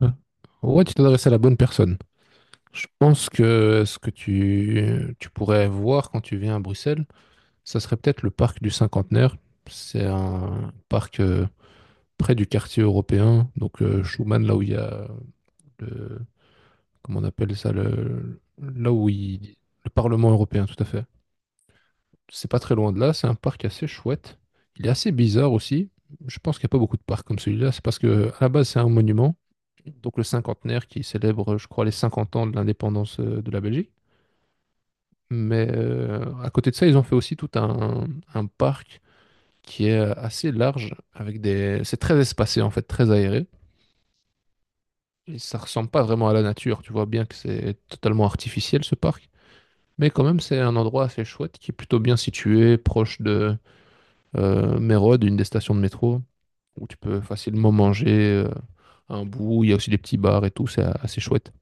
Ouais, Ouais, tu t'es adressé à la bonne personne. Je pense que ce que tu pourrais voir quand tu viens à Bruxelles, ça serait peut-être le parc du Cinquantenaire. C'est un parc près du quartier européen, donc Schuman, là où il y a le, comment on appelle ça, le, là où il, le Parlement européen, tout à fait. C'est pas très loin de là, c'est un parc assez chouette. Il est assez bizarre aussi. Je pense qu'il n'y a pas beaucoup de parcs comme celui-là. C'est parce que à la base, c'est un monument, donc le cinquantenaire qui célèbre, je crois, les 50 ans de l'indépendance de la Belgique. Mais à côté de ça, ils ont fait aussi tout un parc qui est assez large, avec des... C'est très espacé en fait, très aéré. Et ça ressemble pas vraiment à la nature. Tu vois bien que c'est totalement artificiel ce parc. Mais quand même, c'est un endroit assez chouette qui est plutôt bien situé, proche de Mérode, une des stations de métro, où tu peux facilement manger un bout. Il y a aussi des petits bars et tout, c'est assez chouette.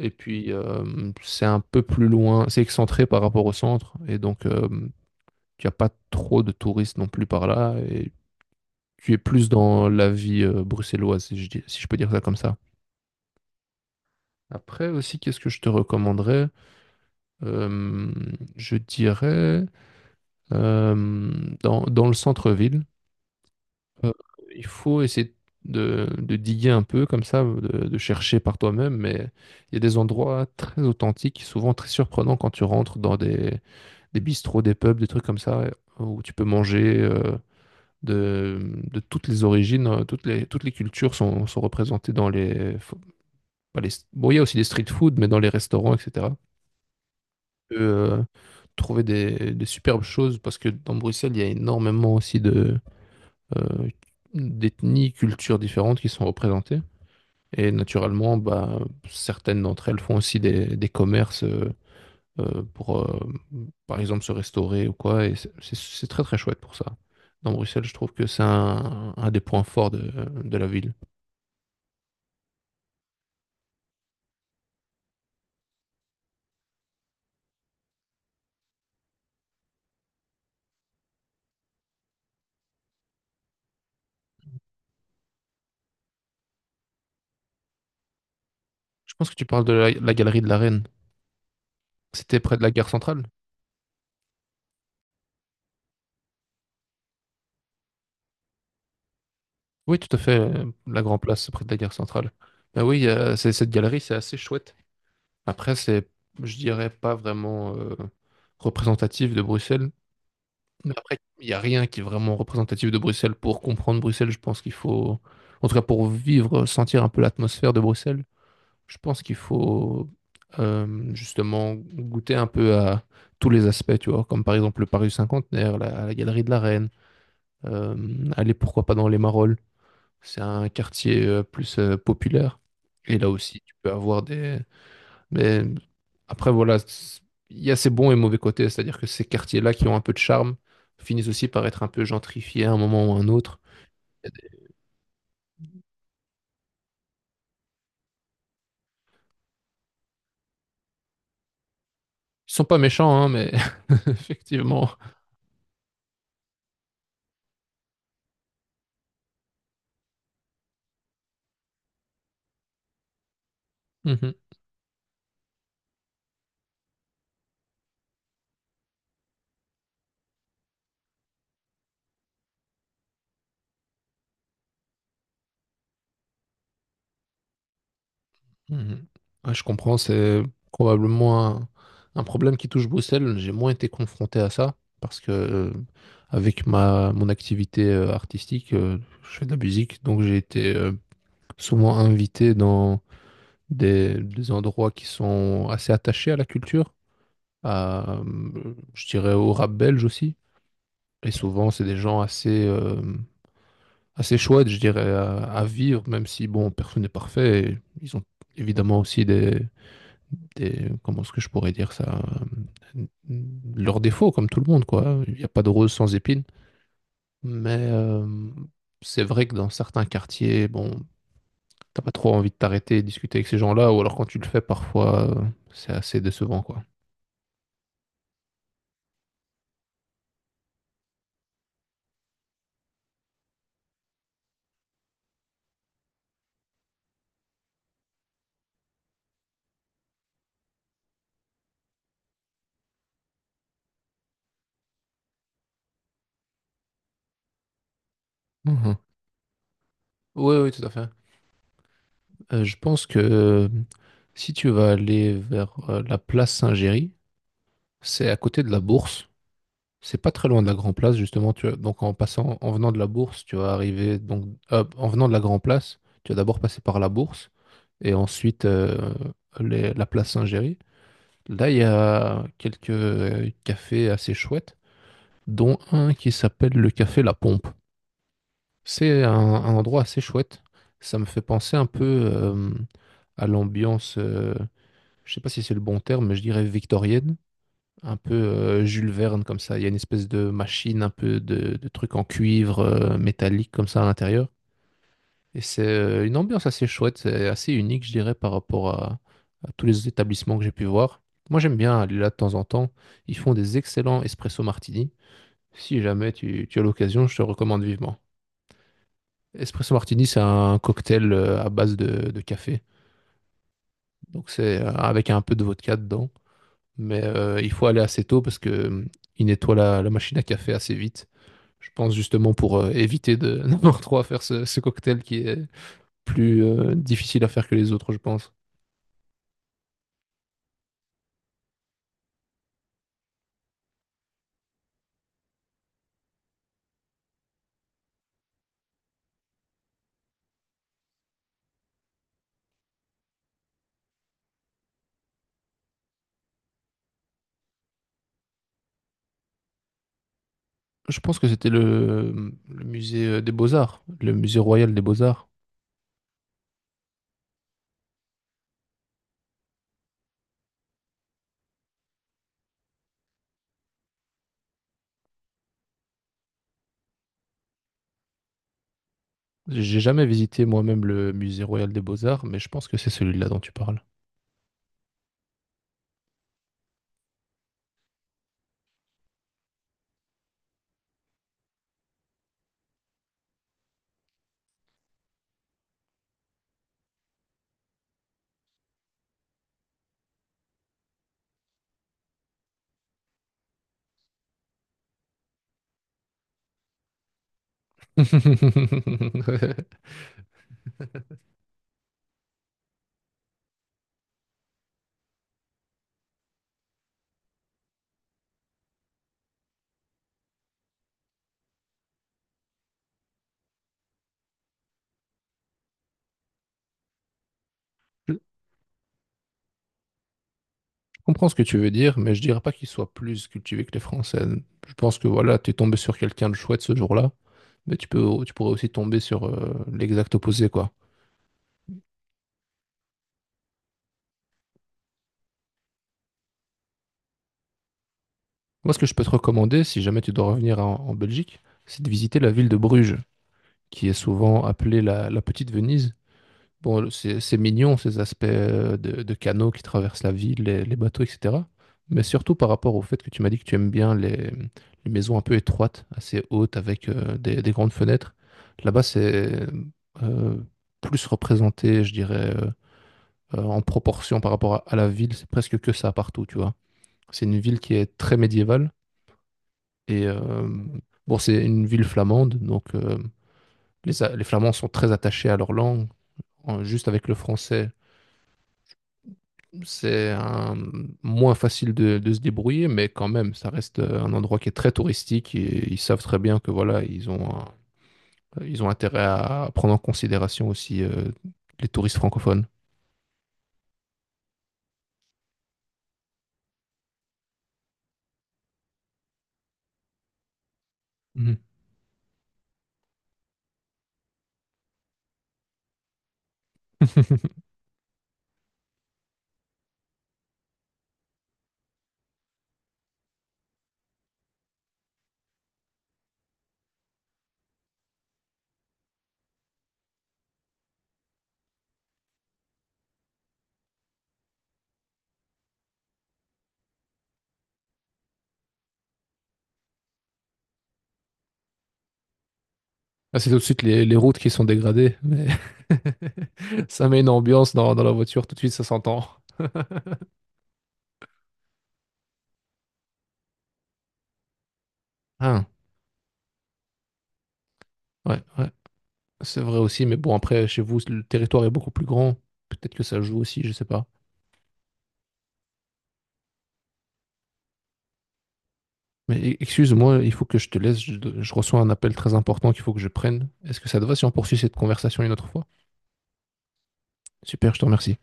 Et puis, c'est un peu plus loin, c'est excentré par rapport au centre, et donc tu n'as pas trop de touristes non plus par là, et tu es plus dans la vie bruxelloise, si si je peux dire ça comme ça. Après aussi, qu'est-ce que je te recommanderais? Euh, je dirais euh, dans, dans le centre-ville. Euh, il faut essayer de diguer un peu comme ça, de chercher par toi-même, mais il y a des endroits très authentiques, souvent très surprenants quand tu rentres dans des bistrots, des pubs, des trucs comme ça, où tu peux manger de toutes les origines, toutes les cultures sont, sont représentées dans pas les... Bon, il y a aussi des street food, mais dans les restaurants, etc. Tu peux, trouver des superbes choses, parce que dans Bruxelles, il y a énormément aussi de... euh, d'ethnies, cultures différentes qui sont représentées. Et naturellement, bah, certaines d'entre elles font aussi des commerces pour, par exemple, se restaurer ou quoi. Et c'est très très chouette pour ça. Dans Bruxelles, je trouve que c'est un des points forts de la ville. Je pense que tu parles de la, la galerie de la Reine. C'était près de la gare centrale? Oui, tout à fait. La Grand Place, c'est près de la gare centrale. Ben oui, cette galerie, c'est assez chouette. Après, c'est, je dirais, pas vraiment représentatif de Bruxelles. Mais après, il n'y a rien qui est vraiment représentatif de Bruxelles. Pour comprendre Bruxelles, je pense qu'il faut, en tout cas pour vivre, sentir un peu l'atmosphère de Bruxelles, je pense qu'il faut justement goûter un peu à tous les aspects, tu vois, comme par exemple le Paris Cinquantenaire, la, la Galerie de la Reine, aller pourquoi pas dans les Marolles. C'est un quartier plus populaire. Et là aussi, tu peux avoir des, mais après, voilà, il y a ses bons et mauvais côtés, c'est-à-dire que ces quartiers-là qui ont un peu de charme finissent aussi par être un peu gentrifiés à un moment ou à un autre. Il y a des- Ils sont pas méchants, hein, mais effectivement. Mhm, mhm. Ouais, je comprends, c'est probablement un problème qui touche Bruxelles. J'ai moins été confronté à ça parce que, avec ma, mon activité artistique, je fais de la musique, donc j'ai été souvent invité dans des endroits qui sont assez attachés à la culture. À, je dirais au rap belge aussi. Et souvent, c'est des gens assez, assez chouettes, je dirais, à vivre, même si, bon, personne n'est parfait. Et ils ont évidemment aussi des, comment est-ce que je pourrais dire ça, euh, leurs défauts, comme tout le monde, quoi. Il n'y a pas de rose sans épines. Mais c'est vrai que dans certains quartiers, bon, t'as pas trop envie de t'arrêter et discuter avec ces gens-là, ou alors quand tu le fais, parfois, c'est assez décevant, quoi. Mhm. Oui, oui, tout à fait. Je pense que si tu vas aller vers la place Saint-Géry, c'est à côté de la Bourse. C'est pas très loin de la Grand Place, justement. Tu vois. Donc en passant, en venant de la Bourse, tu vas arriver. Donc en venant de la Grand Place, tu vas d'abord passer par la Bourse et ensuite la place Saint-Géry. Là, il y a quelques cafés assez chouettes, dont un qui s'appelle le café La Pompe. C'est un endroit assez chouette. Ça me fait penser un peu à l'ambiance. Je sais pas si c'est le bon terme, mais je dirais victorienne, un peu Jules Verne comme ça. Il y a une espèce de machine, un peu de truc en cuivre métallique comme ça à l'intérieur. Et c'est une ambiance assez chouette, c'est assez unique, je dirais, par rapport à tous les établissements que j'ai pu voir. Moi, j'aime bien aller là de temps en temps. Ils font des excellents espresso martini. Si jamais tu as l'occasion, je te recommande vivement. Espresso martini, c'est un cocktail à base de café. Donc, c'est avec un peu de vodka dedans. Mais il faut aller assez tôt parce que il nettoie la, la machine à café assez vite. Je pense justement pour éviter de n'avoir trop à faire ce, ce cocktail qui est plus difficile à faire que les autres, je pense. Je pense que c'était le musée des Beaux-Arts, le musée royal des Beaux-Arts. J'ai jamais visité moi-même le musée royal des Beaux-Arts, mais je pense que c'est celui-là dont tu parles. Je comprends ce que tu veux dire, mais je dirais pas qu'il soit plus cultivé que les Français. Je pense que voilà, t'es tombé sur quelqu'un de chouette ce jour-là. Mais tu peux, tu pourrais aussi tomber sur l'exact opposé, quoi. Moi, ce que je peux te recommander, si jamais tu dois revenir en, en Belgique, c'est de visiter la ville de Bruges, qui est souvent appelée la, la Petite Venise. Bon, c'est mignon, ces aspects de canaux qui traversent la ville, les bateaux, etc. Mais surtout par rapport au fait que tu m'as dit que tu aimes bien les maisons un peu étroites, assez hautes, avec des grandes fenêtres. Là-bas, c'est euh, plus représenté, je dirais, en proportion par rapport à la ville, c'est presque que ça partout, tu vois. C'est une ville qui est très médiévale et bon, c'est une ville flamande, donc les, les Flamands sont très attachés à leur langue. Juste avec le français, c'est un- moins facile de se débrouiller, mais quand même, ça reste un endroit qui est très touristique et ils savent très bien que voilà, ils ont intérêt à prendre en considération aussi les touristes francophones. Mhm. Ah, c'est tout de suite les routes qui sont dégradées. Mais ça met une ambiance dans, dans la voiture, tout de suite ça s'entend. Ah, ouais, ouais, c'est vrai aussi, mais bon, après, chez vous, le territoire est beaucoup plus grand. Peut-être que ça joue aussi, je sais pas. Mais excuse-moi, il faut que je te laisse, je reçois un appel très important qu'il faut que je prenne. Est-ce que ça te va si on poursuit cette conversation une autre fois? Super, je te remercie.